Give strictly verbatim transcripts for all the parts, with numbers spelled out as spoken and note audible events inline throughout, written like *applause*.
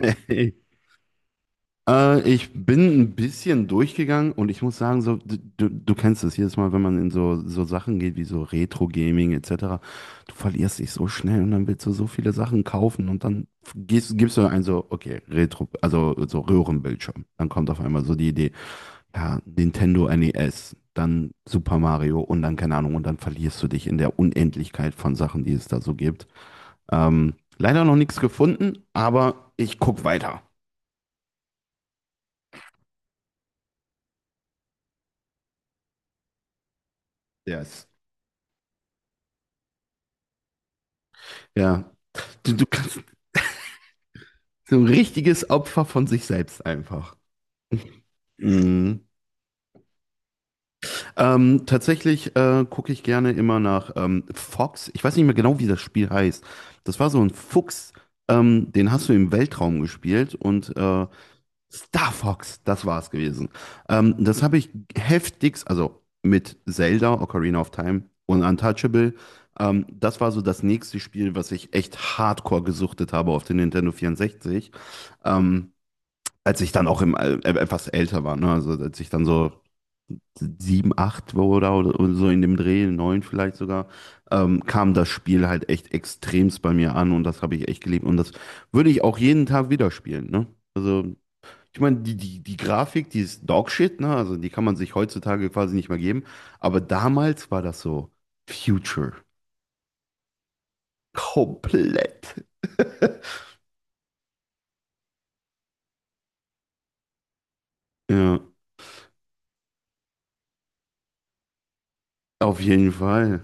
Hey, äh, ich bin ein bisschen durchgegangen und ich muss sagen, so, du, du du kennst es jedes Mal, wenn man in so, so Sachen geht wie so Retro-Gaming et cetera, du verlierst dich so schnell und dann willst du so viele Sachen kaufen und dann gehst, gibst du ein so, okay, Retro, also so Röhrenbildschirm. Dann kommt auf einmal so die Idee, ja, Nintendo N E S, dann Super Mario und dann keine Ahnung und dann verlierst du dich in der Unendlichkeit von Sachen, die es da so gibt. Ähm, leider noch nichts gefunden, aber ich guck weiter. Yes. Ja, du, du kannst so ein richtiges Opfer von sich selbst einfach. Mhm. Ähm, tatsächlich, äh, gucke ich gerne immer nach ähm, Fox. Ich weiß nicht mehr genau, wie das Spiel heißt. Das war so ein Fuchs, ähm, den hast du im Weltraum gespielt und äh, Star Fox, das war es gewesen. Ähm, das habe ich heftigst, also mit Zelda, Ocarina of Time und Untouchable. Ähm, das war so das nächste Spiel, was ich echt hardcore gesuchtet habe auf den Nintendo sechs vier. Ähm, Als ich dann auch im, äh, äh, etwas älter war, ne? Also als ich dann so sieben, acht war oder, oder so in dem Dreh, neun vielleicht sogar, ähm, kam das Spiel halt echt extremst bei mir an und das habe ich echt geliebt. Und das würde ich auch jeden Tag wieder spielen, ne? Also, ich meine, die, die, die Grafik, die ist Dogshit, ne? Also die kann man sich heutzutage quasi nicht mehr geben. Aber damals war das so Future. Komplett. *laughs* Ja, auf jeden Fall.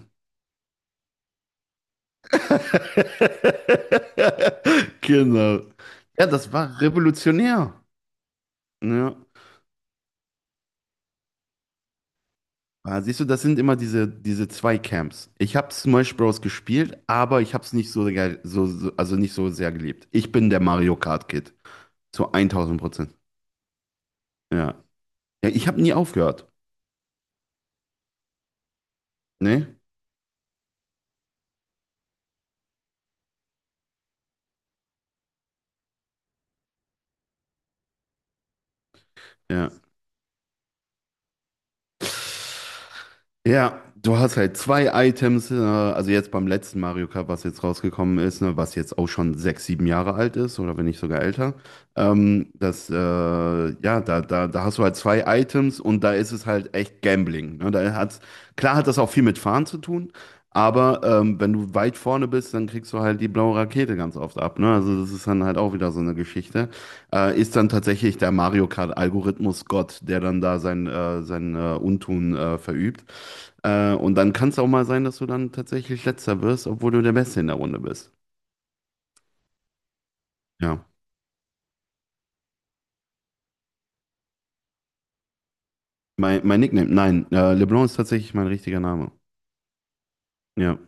*laughs* Genau. Ja, das war revolutionär. Ja. Ah, siehst du, das sind immer diese, diese zwei Camps. Ich habe Smash Bros. Gespielt, aber ich habe es nicht so, geil- so, so, also nicht so sehr geliebt. Ich bin der Mario Kart Kid. Zu tausend Prozent. Ja. Ja, ich habe nie aufgehört. Ne? Ja. Ja, du hast halt zwei Items, äh, also jetzt beim letzten Mario Kart, was jetzt rausgekommen ist, ne, was jetzt auch schon sechs, sieben Jahre alt ist oder wenn nicht sogar älter. Ähm, das, äh, ja, da, da, da hast du halt zwei Items und da ist es halt echt Gambling. Ne? Da hat's, klar hat das auch viel mit Fahren zu tun, aber ähm, wenn du weit vorne bist, dann kriegst du halt die blaue Rakete ganz oft ab. Ne? Also das ist dann halt auch wieder so eine Geschichte, äh, ist dann tatsächlich der Mario Kart-Algorithmus Gott, der dann da sein, äh, sein äh, Untun äh, verübt. Äh, und dann kann es auch mal sein, dass du dann tatsächlich Letzter wirst, obwohl du der Beste in der Runde bist. Ja. Mein, mein Nickname, nein, äh, LeBlanc ist tatsächlich mein richtiger Name. Ja.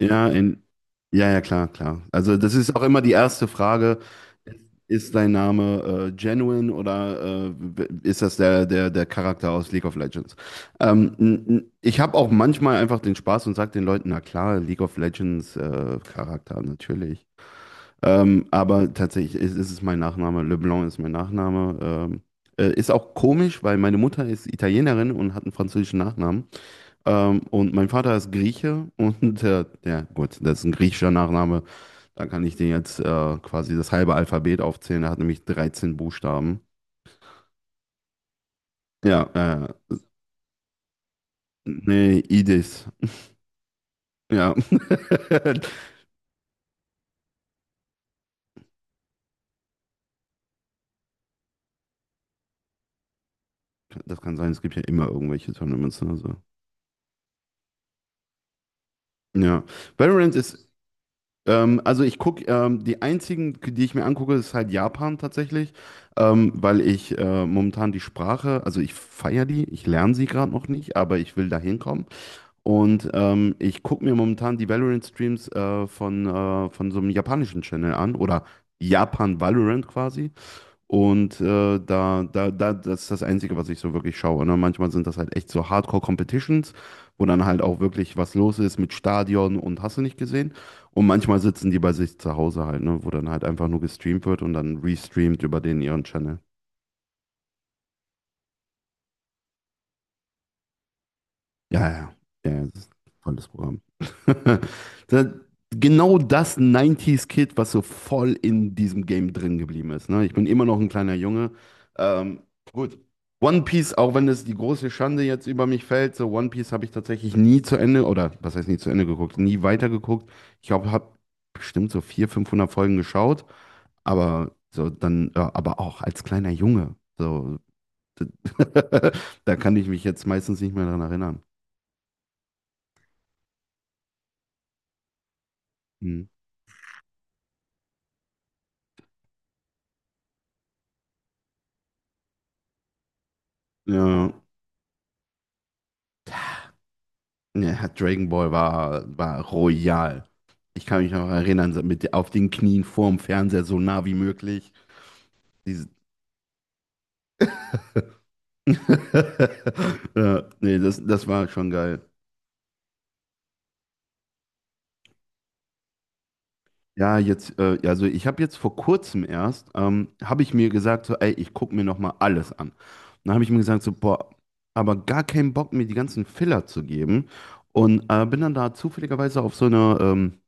Ja, in, ja, ja, klar, klar. Also das ist auch immer die erste Frage. Ist dein Name, äh, genuine oder äh, ist das der, der, der Charakter aus League of Legends? Ähm, n- n- ich habe auch manchmal einfach den Spaß und sage den Leuten, na klar, League of Legends, äh, Charakter, natürlich. Ähm, aber tatsächlich ist, ist es mein Nachname. LeBlanc ist mein Nachname. Ähm, äh, ist auch komisch, weil meine Mutter ist Italienerin und hat einen französischen Nachnamen. Ähm, und mein Vater ist Grieche und *laughs* äh, ja, gut, das ist ein griechischer Nachname. Da kann ich dir jetzt äh, quasi das halbe Alphabet aufzählen. Er hat nämlich dreizehn Buchstaben. Ja, äh, nee, Idis. Ja. *laughs* Das kann sein, es gibt ja immer irgendwelche Tournaments. Ne, also. Ja. Valorant ist, ähm, also ich gucke, ähm, die einzigen, die ich mir angucke, ist halt Japan tatsächlich, ähm, weil ich äh, momentan die Sprache, also ich feiere die, ich lerne sie gerade noch nicht, aber ich will da hinkommen. Und ähm, ich gucke mir momentan die Valorant-Streams äh, von, äh, von so einem japanischen Channel an oder Japan Valorant quasi. Und äh, da, da, da, das ist das Einzige, was ich so wirklich schaue. Ne? Manchmal sind das halt echt so Hardcore-Competitions, wo dann halt auch wirklich was los ist mit Stadion und hast du nicht gesehen. Und manchmal sitzen die bei sich zu Hause halt, ne? Wo dann halt einfach nur gestreamt wird und dann restreamt über den ihren Channel. Ja, ja, ja, ja, das ist ein tolles Programm. *laughs* Da- Genau, das neunziger kid, was so voll in diesem Game drin geblieben ist. Ne? Ich bin immer noch ein kleiner Junge. Ähm, gut. One Piece, auch wenn es die große Schande jetzt über mich fällt, so One Piece habe ich tatsächlich nie zu Ende, oder was heißt nie zu Ende geguckt, nie weitergeguckt. Ich glaube, habe bestimmt so vierhundert, fünfhundert Folgen geschaut, aber so dann, ja, aber auch als kleiner Junge. So, *laughs* da kann ich mich jetzt meistens nicht mehr dran erinnern. Hm. Ja, ja, ja, Dragon Ball war, war royal. Ich kann mich noch erinnern, so mit auf den Knien vorm Fernseher so nah wie möglich. Diese *laughs* Ja, nee, das, das war schon geil. Ja, jetzt, äh, ja, also ich habe jetzt vor kurzem erst, ähm, habe ich mir gesagt, so, ey, ich gucke mir nochmal alles an. Dann habe ich mir gesagt, so, boah, aber gar keinen Bock, mir die ganzen Filler zu geben. Und äh, bin dann da zufälligerweise auf so eine, ähm,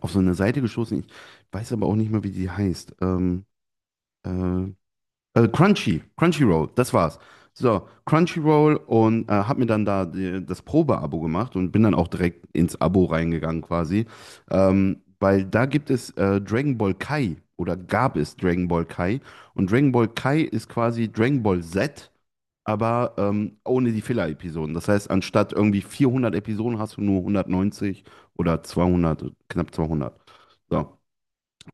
auf so eine Seite gestoßen. Ich weiß aber auch nicht mehr, wie die heißt. Ähm, Äh, äh, Crunchy, Crunchyroll, das war's. So, Crunchyroll und äh, hab mir dann da die, das Probe-Abo gemacht und bin dann auch direkt ins Abo reingegangen quasi. Ähm, weil da gibt es äh, Dragon Ball Kai oder gab es Dragon Ball Kai. Und Dragon Ball Kai ist quasi Dragon Ball Z, aber ähm, ohne die Filler-Episoden. Das heißt, anstatt irgendwie vierhundert Episoden hast du nur hundertneunzig oder zweihundert, knapp zweihundert. So.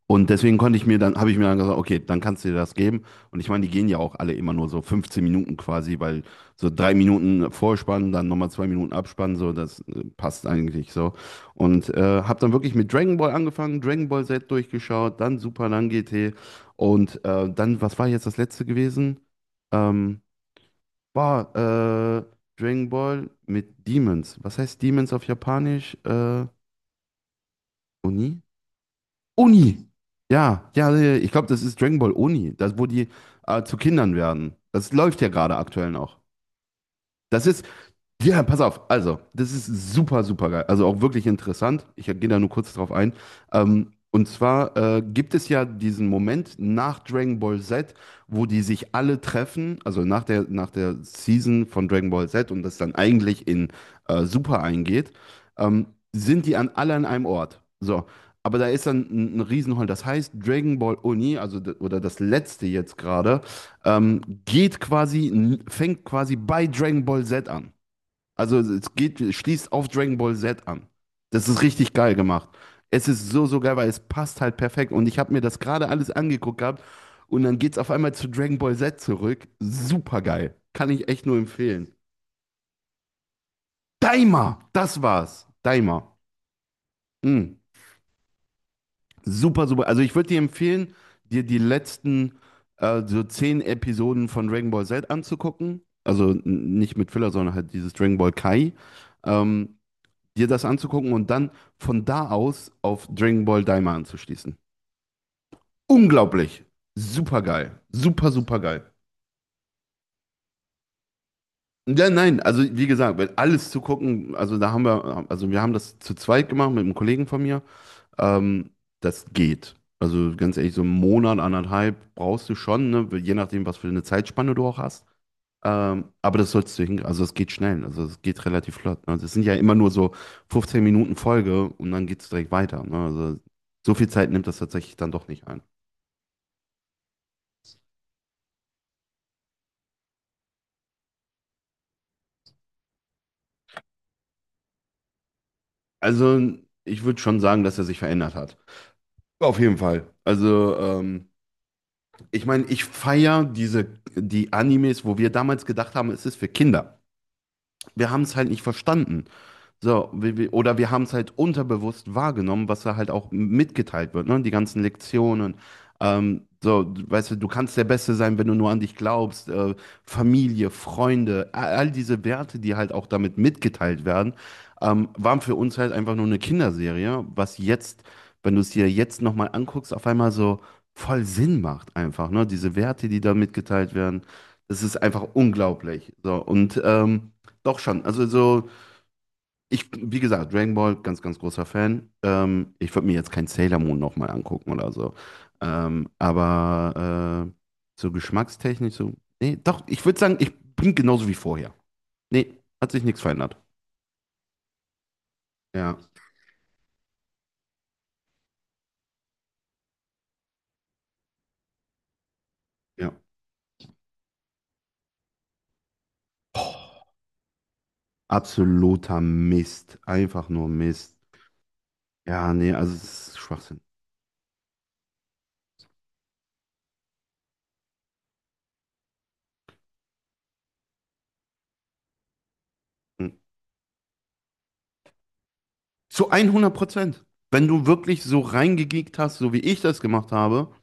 Und deswegen konnte ich mir dann, habe ich mir dann gesagt, okay, dann kannst du dir das geben. Und ich meine, die gehen ja auch alle immer nur so fünfzehn Minuten quasi, weil so drei Minuten Vorspann, dann nochmal zwei Minuten Abspann, so, das äh, passt eigentlich so. Und äh, habe dann wirklich mit Dragon Ball angefangen, Dragon Ball Z durchgeschaut, dann Super, dann G T. Und äh, dann, was war jetzt das letzte gewesen? Ähm, War äh, Dragon Ball mit Demons. Was heißt Demons auf Japanisch? Äh, Oni? Oni. Ja, ja, ja, ich glaube, das ist Dragon Ball Oni, das, wo die äh, zu Kindern werden. Das läuft ja gerade aktuell noch. Das ist, ja, pass auf, also, das ist super, super geil. Also auch wirklich interessant. Ich gehe da nur kurz drauf ein. Ähm, und zwar, äh, gibt es ja diesen Moment nach Dragon Ball Z, wo die sich alle treffen, also nach der, nach der, Season von Dragon Ball Z und das dann eigentlich in äh, Super eingeht, ähm, sind die an alle an einem Ort. So. Aber da ist dann ein, ein Riesenhall. Das heißt, Dragon Ball Uni, also d- oder das letzte jetzt gerade, ähm, geht quasi, fängt quasi bei Dragon Ball Z an. Also es geht, schließt auf Dragon Ball Z an. Das ist richtig geil gemacht. Es ist so, so geil, weil es passt halt perfekt. Und ich habe mir das gerade alles angeguckt gehabt und dann geht's auf einmal zu Dragon Ball Z zurück. Super geil. Kann ich echt nur empfehlen. Daima, das war's. Daima. Mm. Super, super. Also ich würde dir empfehlen, dir die letzten, äh, so zehn Episoden von Dragon Ball Z anzugucken. Also n- nicht mit Filler, sondern halt dieses Dragon Ball Kai. Ähm, Dir das anzugucken und dann von da aus auf Dragon Ball Daima anzuschließen. Unglaublich. Super geil. Super, super geil. Ja, nein, also wie gesagt, weil alles zu gucken, also da haben wir, also wir haben das zu zweit gemacht mit einem Kollegen von mir. Ähm, Das geht. Also ganz ehrlich, so einen Monat, anderthalb brauchst du schon, ne? Je nachdem, was für eine Zeitspanne du auch hast. Ähm, aber das sollst du hin, also es geht schnell, also es geht relativ flott. Ne? Das sind ja immer nur so fünfzehn Minuten Folge und dann geht es direkt weiter. Ne? Also so viel Zeit nimmt das tatsächlich dann doch nicht ein. Also ich würde schon sagen, dass er sich verändert hat. Auf jeden Fall. Also, ähm, ich meine, ich feiere diese die Animes, wo wir damals gedacht haben, es ist für Kinder. Wir haben es halt nicht verstanden. So, wir, wir- oder wir haben es halt unterbewusst wahrgenommen, was da halt auch mitgeteilt wird, ne? Die ganzen Lektionen. Ähm, so, du- weißt du, du kannst der Beste sein, wenn du nur an dich glaubst. Äh, Familie, Freunde, all, all diese Werte, die halt auch damit mitgeteilt werden, ähm, waren für uns halt einfach nur eine Kinderserie, was jetzt, wenn du es dir jetzt nochmal anguckst, auf einmal so voll Sinn macht einfach, ne? Diese Werte, die da mitgeteilt werden, das ist einfach unglaublich. So, und ähm, doch schon, also so. Ich, wie gesagt, Dragon Ball, ganz, ganz großer Fan. Ähm, ich würde mir jetzt kein Sailor Moon nochmal angucken oder so. Ähm, aber äh, so geschmackstechnisch, so. Nee, doch, ich würde sagen, ich bin genauso wie vorher. Nee, hat sich nichts verändert. Ja, ja. Absoluter Mist. Einfach nur Mist. Ja, nee, also es ist Schwachsinn. Hm. Zu hundert Prozent. Wenn du wirklich so reingegeekt hast, so wie ich das gemacht habe,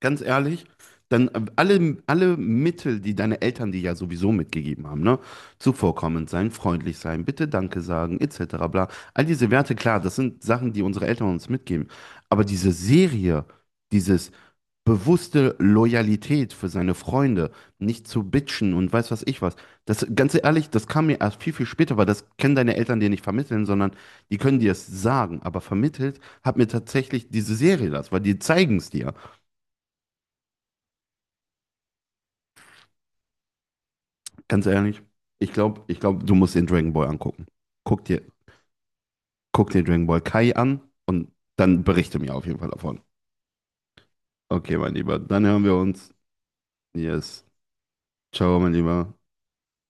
ganz ehrlich, dann, äh, alle, alle Mittel, die deine Eltern dir ja sowieso mitgegeben haben, ne? Zuvorkommend sein, freundlich sein, bitte Danke sagen, et cetera bla. All diese Werte, klar, das sind Sachen, die unsere Eltern uns mitgeben. Aber diese Serie, dieses bewusste Loyalität für seine Freunde, nicht zu bitchen und weiß was ich was, das, ganz ehrlich, das kam mir erst viel, viel später, weil das können deine Eltern dir nicht vermitteln, sondern die können dir es sagen. Aber vermittelt hat mir tatsächlich diese Serie das, weil die zeigen es dir. Ganz ehrlich, ich glaube, ich glaub, du musst den Dragon Ball angucken. Guck dir, guck dir Dragon Ball Kai an und dann berichte mir auf jeden Fall davon. Okay, mein Lieber, dann hören wir uns. Yes. Ciao, mein Lieber.